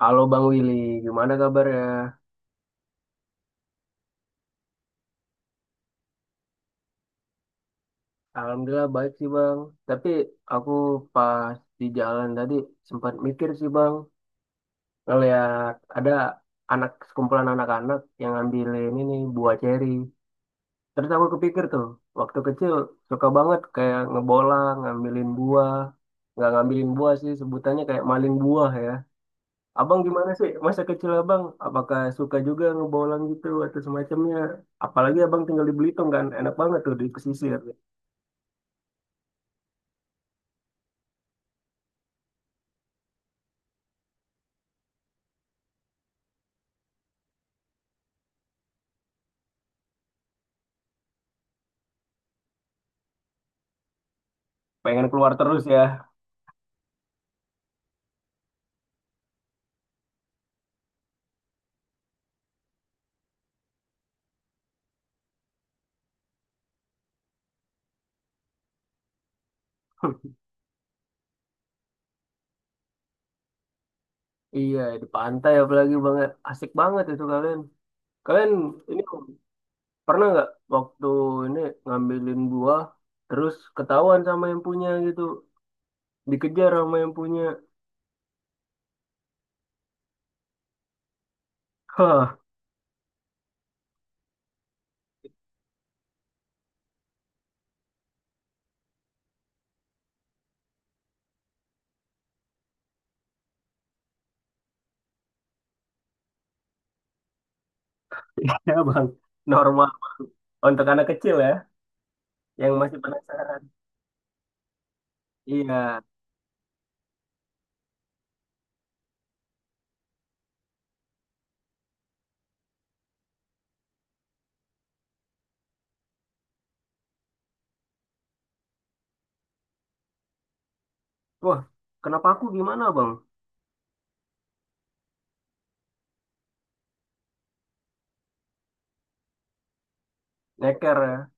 Halo Bang Willy, gimana kabarnya? Alhamdulillah baik sih Bang. Tapi aku pas di jalan tadi sempat mikir sih Bang, ngeliat ada sekumpulan anak-anak yang ngambilin ini buah ceri. Terus aku kepikir tuh, waktu kecil suka banget kayak ngebolang, ngambilin buah. Nggak ngambilin buah sih, sebutannya kayak maling buah ya. Abang gimana sih masa kecil abang? Apakah suka juga ngebolang gitu atau semacamnya? Apalagi abang tinggal di Belitung kan, enak banget tuh di pesisir. Pengen keluar terus ya. Iya, di pantai apalagi banget. Asik banget itu kalian. Kalian ini pernah nggak waktu ini ngambilin buah, terus ketahuan sama yang punya gitu. Dikejar sama yang punya. Hah, ya bang. Normal. Untuk anak kecil ya, yang masih penasaran. Iya. Wah, kenapa aku gimana bang? Neker ya.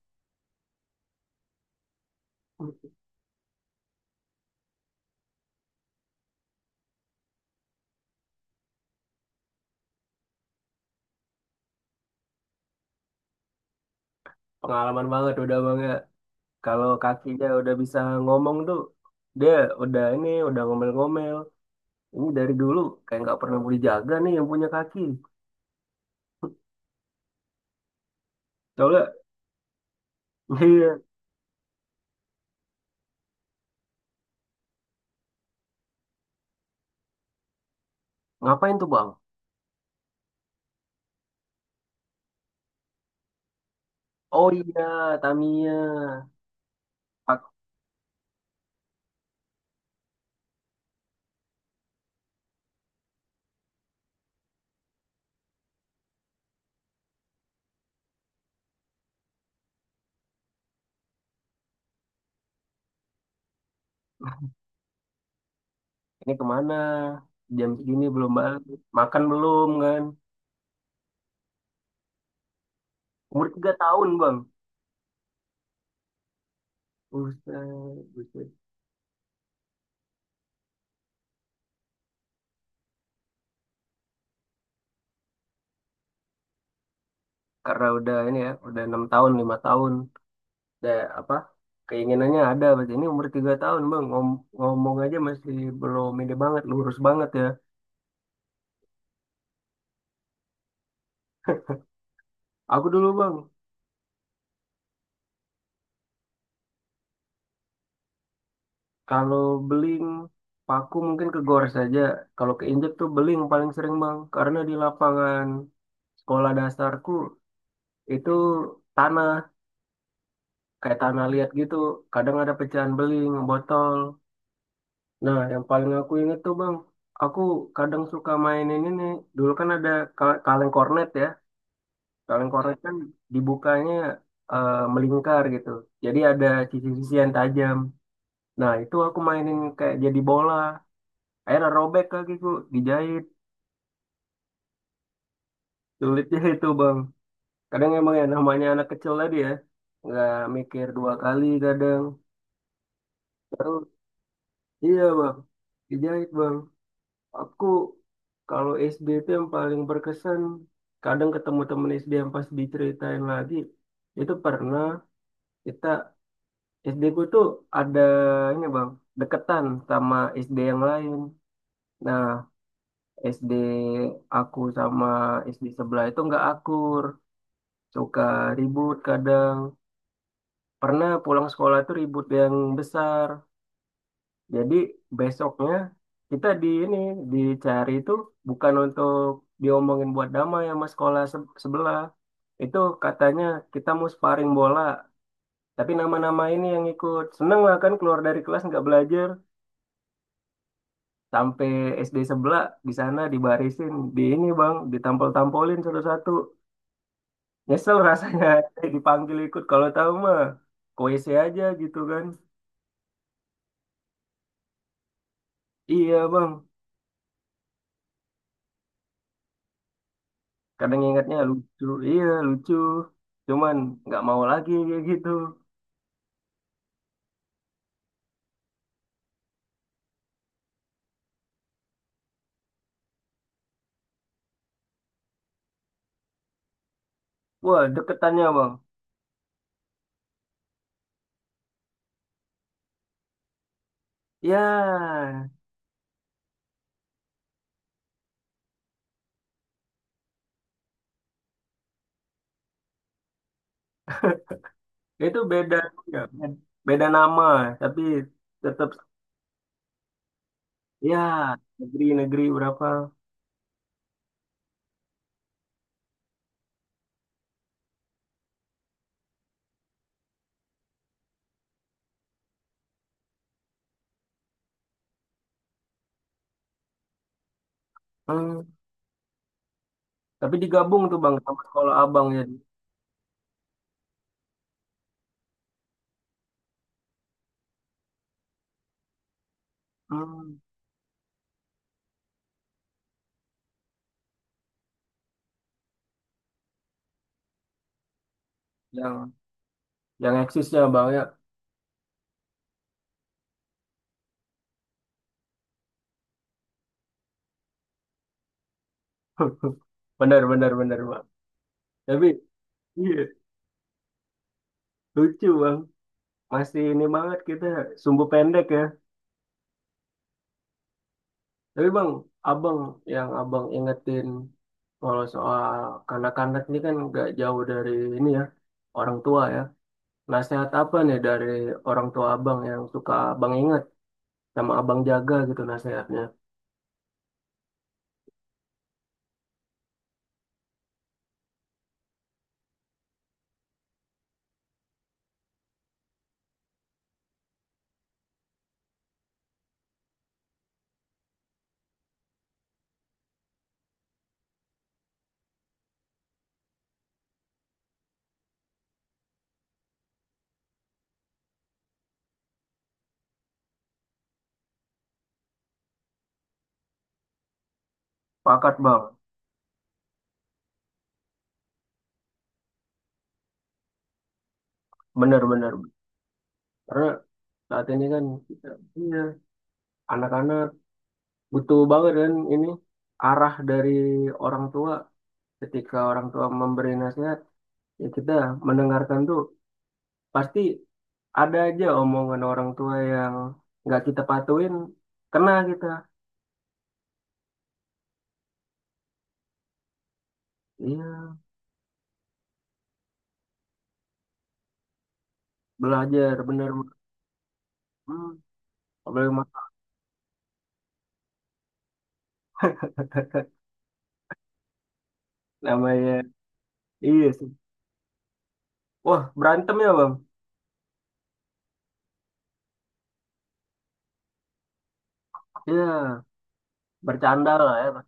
Pengalaman banget udah bang ya. Kalau kakinya udah bisa ngomong tuh, dia udah ini, udah ngomel-ngomel. Ini dari dulu kayak nggak pernah boleh jaga nih yang punya kaki. Soalnya iya. Ngapain tuh bang? Oh iya, Tamiya. Pak, ini kemana? Jam segini belum balik. Makan belum kan? Umur 3 tahun bang. Buset, buset. Karena udah ini ya, udah enam tahun, lima tahun. Udah apa? Keinginannya ada, berarti ini umur 3 tahun bang. Ngomong aja masih belum ini banget, lurus banget ya. Aku dulu bang. Kalau beling, paku mungkin ke gor saja. Kalau keinjek tuh beling paling sering bang, karena di lapangan sekolah dasarku itu tanah, kayak tanah liat gitu. Kadang ada pecahan beling, botol. Nah, yang paling aku inget tuh bang, aku kadang suka mainin ini. Dulu kan ada kaleng kornet ya. Kaleng kornet kan dibukanya melingkar gitu. Jadi ada sisi-sisi yang tajam. Nah, itu aku mainin kayak jadi bola. Akhirnya robek kakiku, dijahit. Sulitnya itu bang, kadang emang ya namanya anak kecil tadi ya, nggak mikir dua kali kadang. Terus iya bang, dijahit bang. Aku kalau SD itu yang paling berkesan, kadang ketemu temen SD yang pas diceritain lagi itu pernah. Kita SD ku tuh ada ini bang, deketan sama SD yang lain. Nah, SD aku sama SD sebelah itu nggak akur, suka ribut kadang. Pernah pulang sekolah tuh ribut yang besar. Jadi besoknya kita di ini dicari itu bukan untuk diomongin buat damai sama sekolah sebelah. Itu katanya kita mau sparring bola. Tapi nama-nama ini yang ikut seneng lah, kan keluar dari kelas nggak belajar sampai SD sebelah di sana dibarisin di ini bang, ditampol-tampolin satu-satu. Nyesel rasanya dipanggil ikut, kalau tahu mah koisi aja gitu kan. Iya bang, kadang ingatnya lucu, iya lucu, cuman nggak mau lagi kayak gitu. Wah deketannya bang, ya itu beda, ya, beda nama, tapi tetap ya negeri-negeri berapa. Hmm. Tapi digabung tuh bang sama sekolah abang jadi. Hmm. Yang yang eksisnya bang ya, benar benar benar bang. Tapi iya lucu bang, masih ini banget kita sumbu pendek ya. Tapi bang, abang yang abang ingetin kalau soal kanak-kanak ini kan nggak jauh dari ini ya, orang tua ya. Nasihat apa nih dari orang tua abang yang suka abang inget sama abang jaga gitu nasihatnya? Pakat bang, benar-benar. Karena saat ini kan kita, iya, anak-anak butuh banget kan ini arah dari orang tua. Ketika orang tua memberi nasihat, ya kita mendengarkan tuh pasti. Ada aja omongan orang tua yang nggak kita patuin, kena kita. Iya, belajar bener. Hmm, apalagi namanya iya sih. Wah, berantem ya bang? Iya, bercanda lah ya. Bang.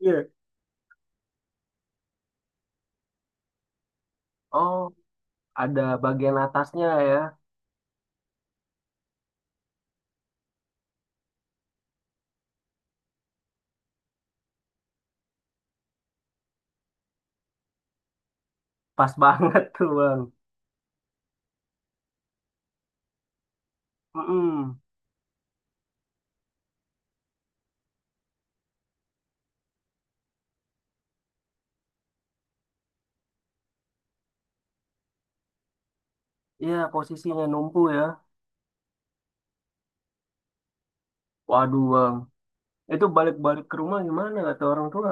Iya. Oh, ada bagian atasnya ya. Pas banget tuh bang. Mm-mm. Iya, posisinya numpu ya. Waduh bang, itu balik-balik ke rumah gimana kata orang tua?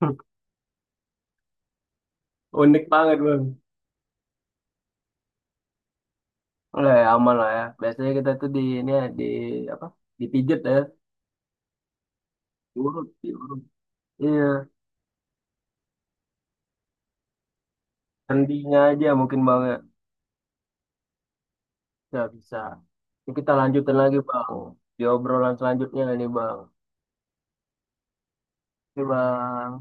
Unik banget bang. Lah, ya, aman lah ya. Biasanya kita tuh di ini ya, di apa? Dipijet. Urut, diurut. Iya, sendinya aja mungkin Bang ya. Nggak bisa. Ini kita lanjutin lagi Bang. Di obrolan selanjutnya ini Bang. Oke Bang.